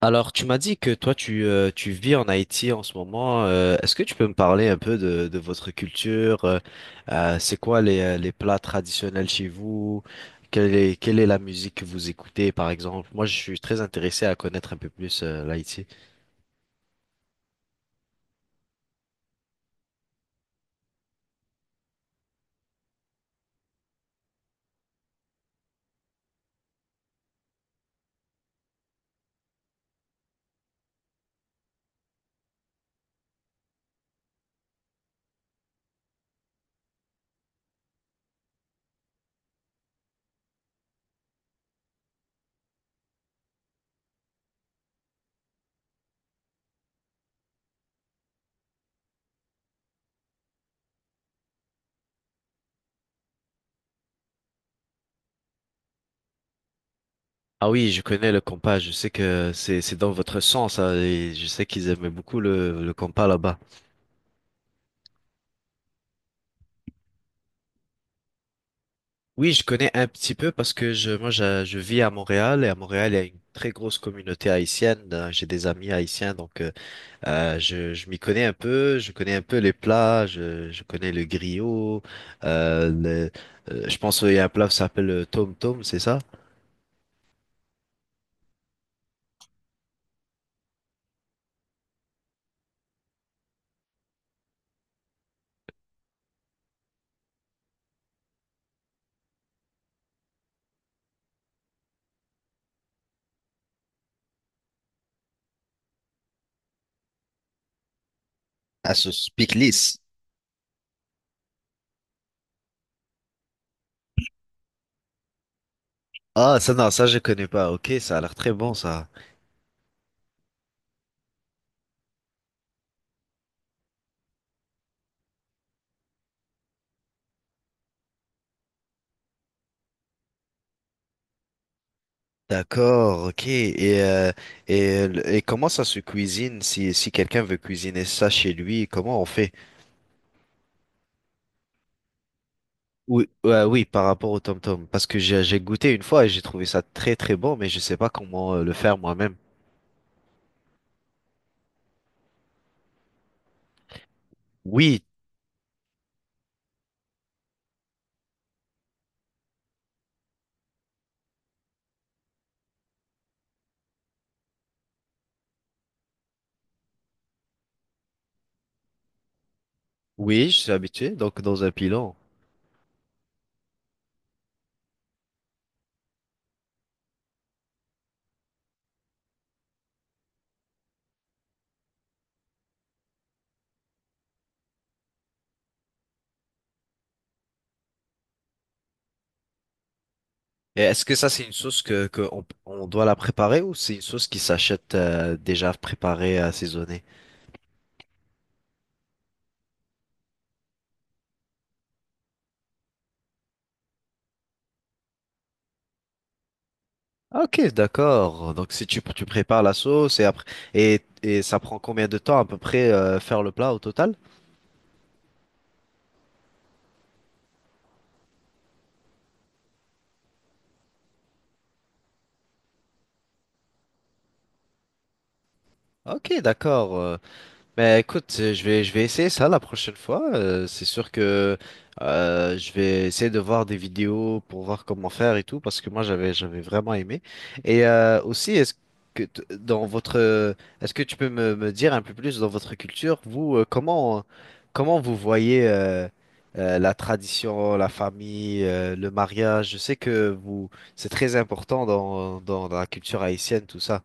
Alors, tu m'as dit que toi, tu vis en Haïti en ce moment. Est-ce que tu peux me parler un peu de votre culture? C'est quoi les plats traditionnels chez vous? Quelle est la musique que vous écoutez, par exemple? Moi, je suis très intéressé à connaître un peu plus l'Haïti. Ah oui, je connais le compas. Je sais que c'est dans votre sang, ça. Et je sais qu'ils aimaient beaucoup le compas là-bas. Oui, je connais un petit peu parce que je vis à Montréal, et à Montréal il y a une très grosse communauté haïtienne. J'ai des amis haïtiens, donc. Je m'y connais un peu, je connais un peu les plats, je connais le griot. euh, le- je pense qu'il y a un plat qui s'appelle le tom tom, c'est ça? À sauce pickles. Ah, ça, non, ça, je connais pas. Ok, ça a l'air très bon, ça. D'accord, ok. Et comment ça se cuisine si, si quelqu'un veut cuisiner ça chez lui, comment on fait? Oui, ouais, oui, par rapport au tom-tom. Parce que j'ai goûté une fois et j'ai trouvé ça très très bon, mais je sais pas comment le faire moi-même. Oui, oui, je suis habitué, donc dans un pilon. Et est-ce que ça, c'est une sauce que on doit la préparer, ou c'est une sauce qui s'achète déjà préparée, assaisonnée? Ah, ok, d'accord. Donc si tu prépares la sauce, et après et ça prend combien de temps à peu près faire le plat au total? Ok, d'accord. Mais écoute, je vais essayer ça la prochaine fois. C'est sûr que je vais essayer de voir des vidéos pour voir comment faire et tout, parce que moi j'avais vraiment aimé. Et aussi, dans votre, est-ce que tu peux me dire un peu plus dans votre culture, vous, comment vous voyez la tradition, la famille, le mariage? Je sais que vous, c'est très important dans la culture haïtienne, tout ça.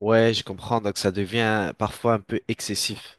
Ouais, je comprends, donc ça devient parfois un peu excessif.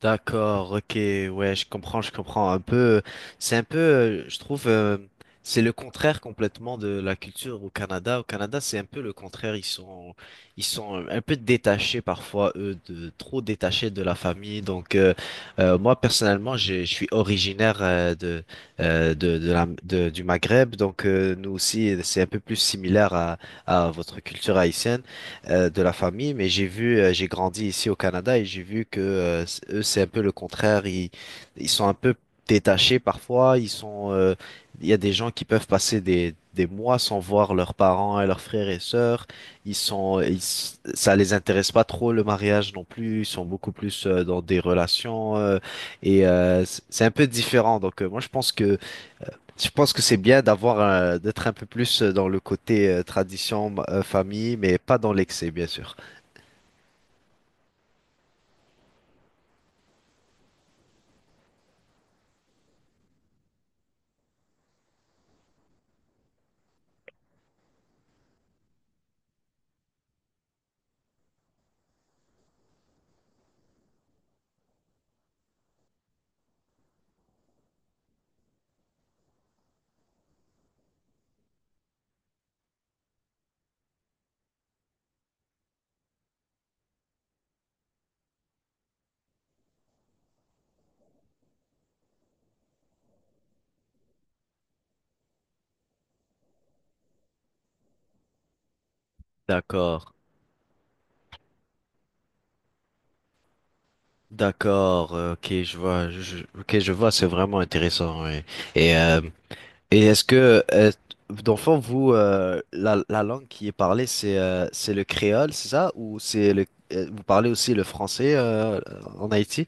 D'accord, ok, ouais, je comprends un peu. C'est un peu, je trouve, c'est le contraire complètement de la culture au Canada. Au Canada, c'est un peu le contraire. Ils sont un peu détachés parfois, eux, de trop détachés de la famille. Moi personnellement, je suis originaire du Maghreb. Donc, nous aussi, c'est un peu plus similaire à votre culture haïtienne de la famille, mais j'ai vu, j'ai grandi ici au Canada, et j'ai vu que eux, c'est un peu le contraire. Ils sont un peu détachés parfois. Il y a des gens qui peuvent passer des mois sans voir leurs parents et leurs frères et sœurs. Ils sont, ils, s- Ça les intéresse pas trop le mariage non plus. Ils sont beaucoup plus dans des relations c'est un peu différent. Donc moi, je pense que c'est bien d'être un peu plus dans le côté tradition, famille, mais pas dans l'excès, bien sûr. D'accord, d'accord, ok, je vois, ok, je vois, c'est vraiment intéressant. Ouais. Et, euh, et est-ce que, d'enfant, vous, la langue qui est parlée, c'est le créole, c'est ça? Ou c'est le, vous parlez aussi le français en Haïti?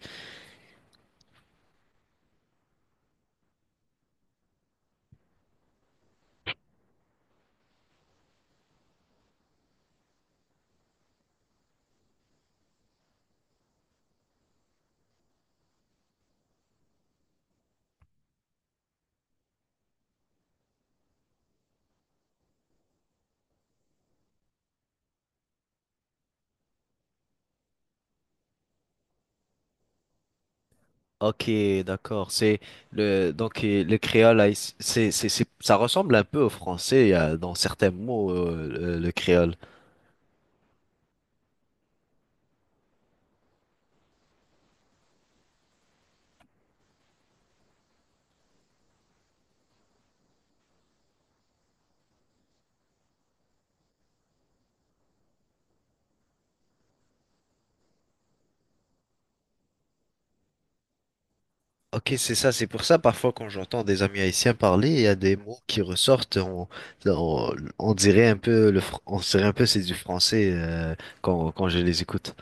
Ok, d'accord. C'est le donc Le créole, c'est c'est ça ressemble un peu au français dans certains mots le créole. Ok, c'est ça. C'est pour ça parfois quand j'entends des amis haïtiens parler, il y a des mots qui ressortent. On dirait un peu on dirait un peu c'est du français quand je les écoute.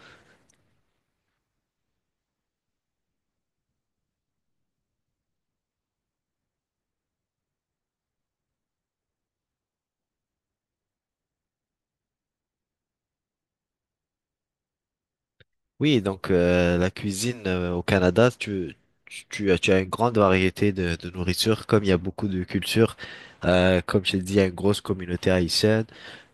Oui, donc la cuisine au Canada, tu as une grande variété de nourriture, comme il y a beaucoup de cultures. Comme je l'ai dit, il y a une grosse communauté haïtienne,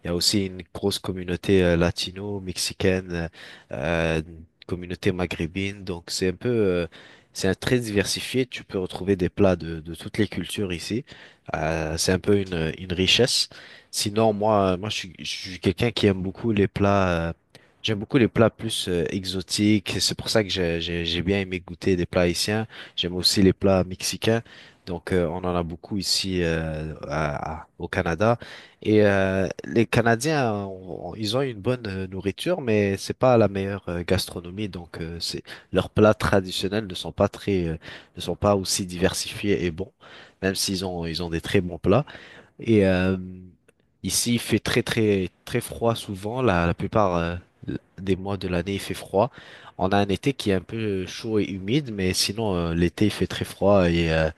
il y a aussi une grosse communauté latino, mexicaine, une communauté maghrébine. Donc c'est un peu, c'est un très diversifié. Tu peux retrouver des plats de toutes les cultures ici. C'est un peu une richesse. Sinon, je suis quelqu'un qui aime beaucoup les plats. J'aime beaucoup les plats plus exotiques. C'est pour ça que j'ai bien aimé goûter des plats haïtiens. J'aime aussi les plats mexicains. Donc, on en a beaucoup ici au Canada. Et les Canadiens, ils ont une bonne nourriture, mais c'est pas la meilleure gastronomie. Donc, c'est leurs plats traditionnels ne sont pas très, ne sont pas aussi diversifiés et bons, même s'ils ont ils ont des très bons plats. Et ici, il fait très très très froid souvent. La plupart des mois de l'année, il fait froid. On a un été qui est un peu chaud et humide, mais sinon l'été, il fait très froid. Et,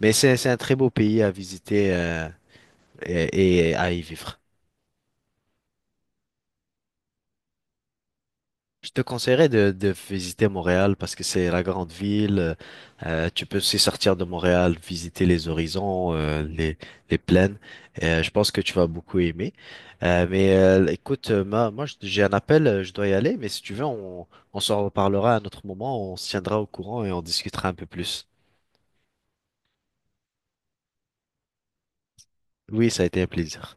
mais c'est un très beau pays à visiter et à y vivre. Je te conseillerais de visiter Montréal parce que c'est la grande ville. Tu peux aussi sortir de Montréal, visiter les horizons, les plaines. Je pense que tu vas beaucoup aimer. Mais écoute, j'ai un appel, je dois y aller. Mais si tu veux, on s'en reparlera à un autre moment. On se tiendra au courant et on discutera un peu plus. Oui, ça a été un plaisir.